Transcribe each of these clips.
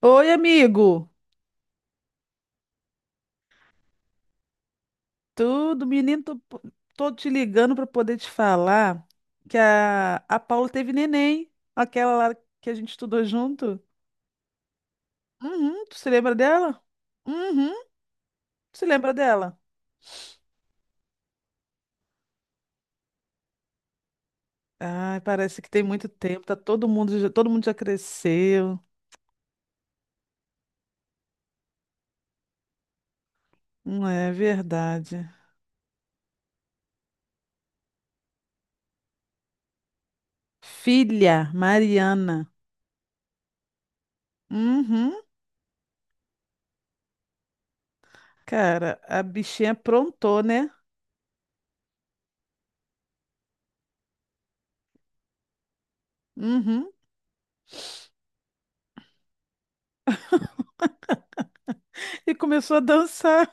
Oi, amigo. Tudo, menino, tô te ligando para poder te falar que a Paula teve neném, aquela lá que a gente estudou junto. Uhum, tu se lembra dela? Uhum, tu se lembra dela? Ai, parece que tem muito tempo, tá todo mundo, todo mundo já cresceu. Não é verdade. Filha, Mariana. Uhum. Cara, a bichinha aprontou, né? Uhum. E começou a dançar.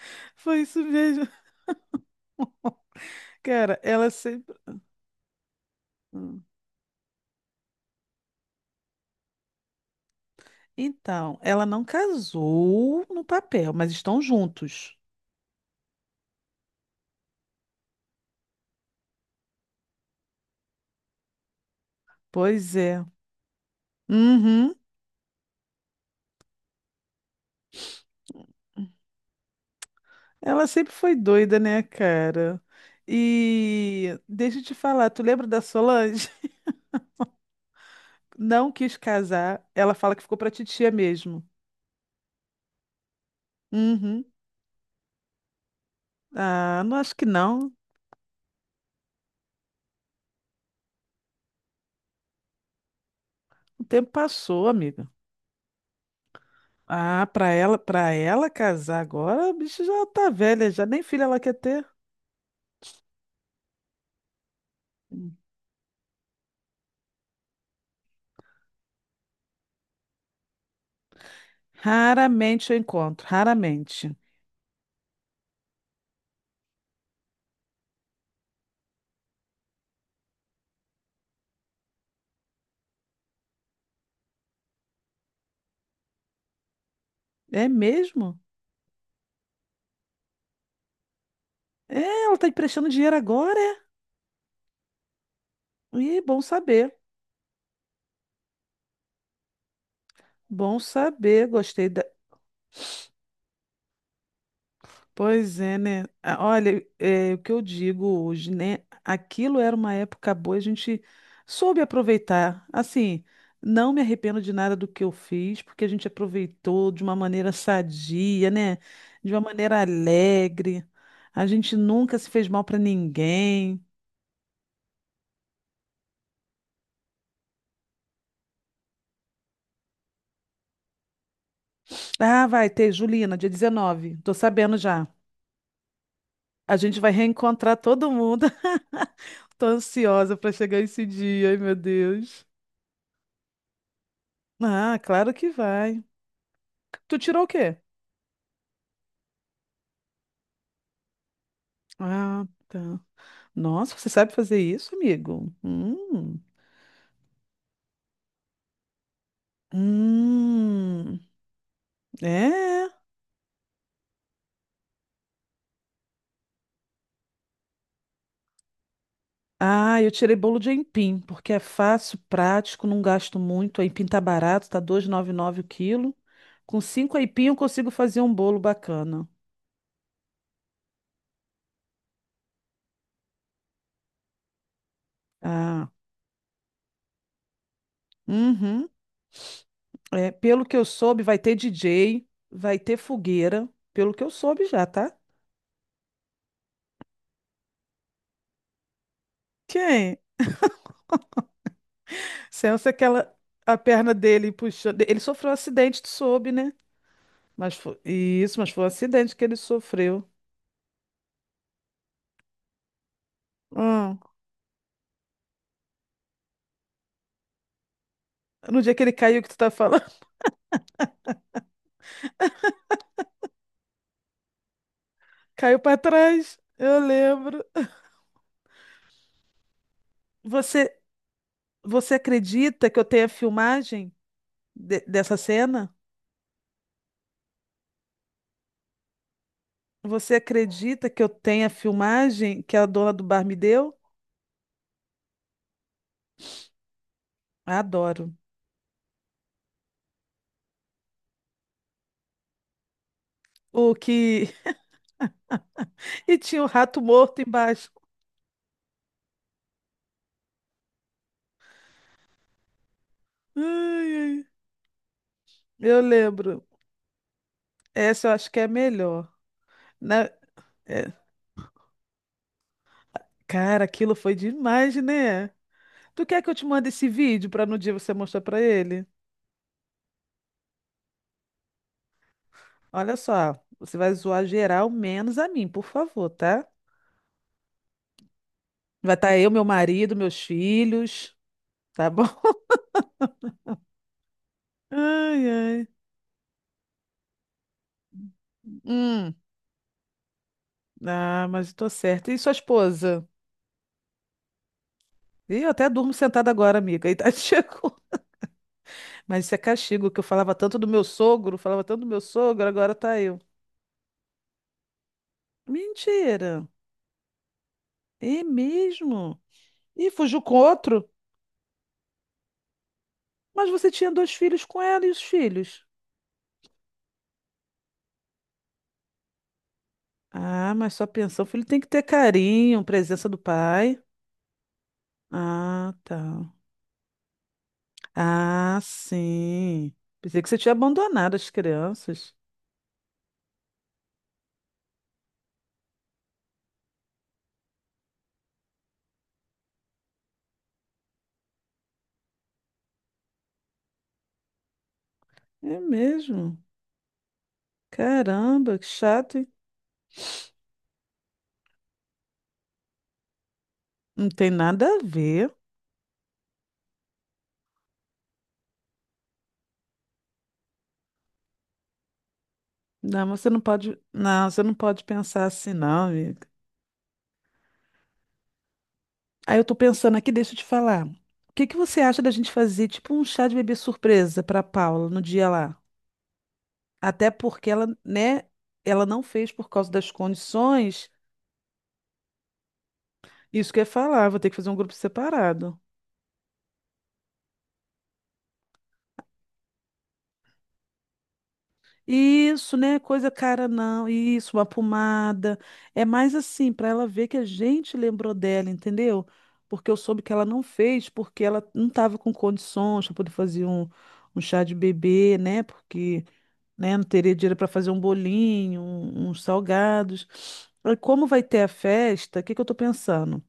Foi isso mesmo. Cara, ela sempre... Hum. Então, ela não casou no papel, mas estão juntos. Pois é. Uhum. Ela sempre foi doida, né, cara? E deixa eu te falar, tu lembra da Solange? Não quis casar. Ela fala que ficou pra titia mesmo. Uhum. Ah, não acho que não. O tempo passou, amiga. Ah, pra ela, para ela casar agora, a bicha já tá velha, já nem filha ela quer ter. Raramente eu encontro, raramente. É mesmo? É, ela tá emprestando dinheiro agora, é? Ih, bom saber. Bom saber, gostei da... Pois é, né? Ah, olha, é, o que eu digo hoje, né? Aquilo era uma época boa, a gente soube aproveitar. Assim, não me arrependo de nada do que eu fiz, porque a gente aproveitou de uma maneira sadia, né? De uma maneira alegre. A gente nunca se fez mal para ninguém. Ah, vai ter, Julina, dia 19. Tô sabendo já. A gente vai reencontrar todo mundo. Tô ansiosa para chegar esse dia, ai meu Deus. Ah, claro que vai. Tu tirou o quê? Ah, tá. Nossa, você sabe fazer isso, amigo? Hum. Hum. É. Ah, eu tirei bolo de aipim, porque é fácil, prático, não gasto muito. Aipim tá barato, tá 2,99 o quilo. Com cinco aipim eu consigo fazer um bolo bacana. Ah. Uhum. É, pelo que eu soube, vai ter DJ, vai ter fogueira, pelo que eu soube já, tá? Quem? Sensa aquela, a perna dele puxando. Ele sofreu um acidente, tu soube, né? Mas foi isso, mas foi um acidente que ele sofreu. Hum. No dia que ele caiu, que tu tá falando, caiu pra trás. Eu lembro. Você, você acredita que eu tenha filmagem dessa cena? Você acredita que eu tenha filmagem que a dona do bar me deu? Adoro. O que E tinha um rato morto embaixo. Ai, ai. Eu lembro. Essa eu acho que é a melhor. Na- É, cara, aquilo foi demais, né? Tu quer que eu te mande esse vídeo para no dia você mostrar para ele? Olha só, você vai zoar geral, menos a mim, por favor, tá? Vai estar eu, meu marido, meus filhos, tá bom? Ai, ai. Hum. Ah, mas eu tô certa. E sua esposa? Ih, eu até durmo sentada agora, amiga. E tá chegou. Mas isso é castigo, que eu falava tanto do meu sogro, falava tanto do meu sogro, agora tá eu. Mentira! É mesmo? E fugiu com outro? Mas você tinha dois filhos com ela e os filhos? Ah, mas só pensão, o filho tem que ter carinho, presença do pai. Ah, tá. Ah, sim. Pensei que você tinha abandonado as crianças. É mesmo? Caramba, que chato, hein? Não tem nada a ver. Não, você não pode. Não, você não pode pensar assim, não, amigo. Aí eu tô pensando aqui, deixa eu te falar. O que que você acha da gente fazer tipo um chá de bebê surpresa para Paula no dia lá? Até porque ela, né, ela não fez por causa das condições. Isso que eu ia falar, vou ter que fazer um grupo separado. Isso, né, coisa cara não. Isso, uma pomada. É mais assim para ela ver que a gente lembrou dela, entendeu? Porque eu soube que ela não fez porque ela não estava com condições para poder fazer um, um chá de bebê, né? Porque né? Não teria dinheiro para fazer um bolinho, uns salgados. Aí, como vai ter a festa, o que que eu estou pensando?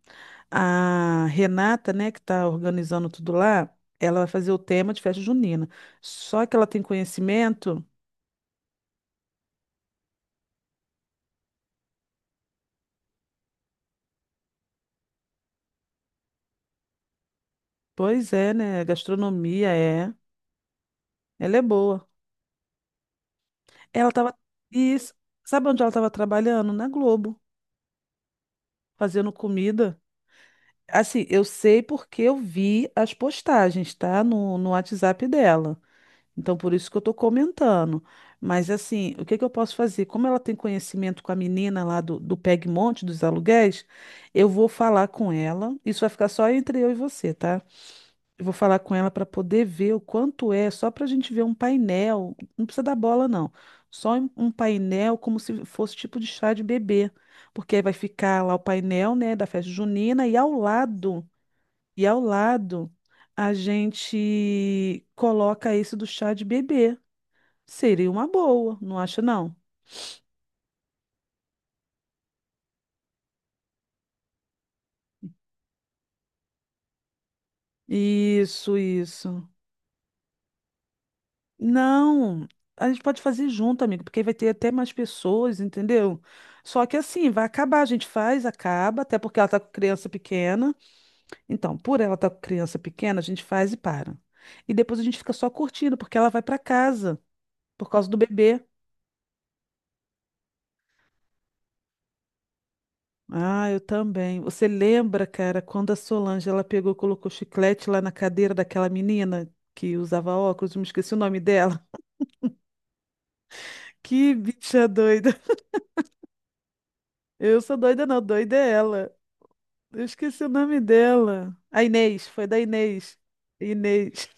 A Renata, né, que está organizando tudo lá, ela vai fazer o tema de festa junina. Só que ela tem conhecimento, pois é, né? Gastronomia é, ela é boa. Ela estava... Isso, sabe onde ela estava trabalhando? Na Globo, fazendo comida. Assim, eu sei porque eu vi as postagens, tá? No WhatsApp dela. Então, por isso que eu estou comentando. Mas, assim, o que que eu posso fazer? Como ela tem conhecimento com a menina lá do PEG Monte, dos aluguéis, eu vou falar com ela. Isso vai ficar só entre eu e você, tá? Eu vou falar com ela para poder ver o quanto é, só para a gente ver um painel. Não precisa dar bola, não. Só um painel, como se fosse tipo de chá de bebê. Porque aí vai ficar lá o painel, né, da festa junina, e ao lado, a gente coloca esse do chá de bebê. Seria uma boa, não acha não? Isso, isso. Não, a gente pode fazer junto, amigo, porque aí vai ter até mais pessoas, entendeu? Só que assim, vai acabar, a gente faz, acaba, até porque ela tá com criança pequena. Então, por ela estar tá com criança pequena, a gente faz e para. E depois a gente fica só curtindo, porque ela vai para casa por causa do bebê. Ah, eu também. Você lembra, cara, quando a Solange ela pegou, e colocou chiclete lá na cadeira daquela menina que usava óculos, eu me esqueci o nome dela. Que bicha doida. Eu sou doida, não, doida é ela. Eu esqueci o nome dela. A Inês, foi da Inês. Inês.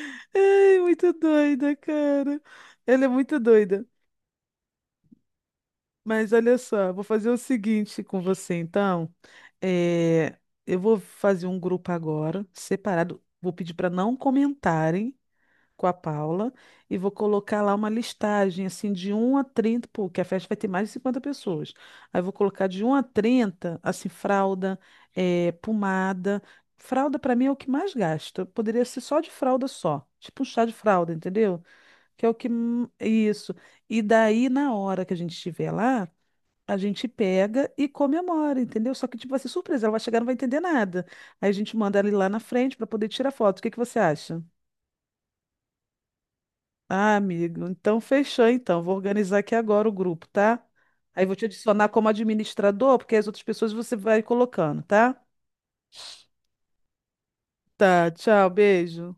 Ai, muito doida, cara. Ela é muito doida. Mas olha só, vou fazer o seguinte com você, então. É, eu vou fazer um grupo agora, separado. Vou pedir para não comentarem com a Paula e vou colocar lá uma listagem assim de um a 30, porque a festa vai ter mais de 50 pessoas. Aí eu vou colocar de um a 30 assim, fralda, pomada. Fralda para mim é o que mais gasta. Poderia ser só de fralda só, tipo um chá de fralda, entendeu? Que é o que isso. E daí na hora que a gente estiver lá, a gente pega e comemora, entendeu? Só que, tipo, vai ser surpresa, ela vai chegar e não vai entender nada. Aí a gente manda ele lá na frente para poder tirar foto. O que que você acha? Ah, amigo, então fechou então. Vou organizar aqui agora o grupo, tá? Aí vou te adicionar como administrador, porque as outras pessoas você vai colocando, tá? Tá, tchau, beijo.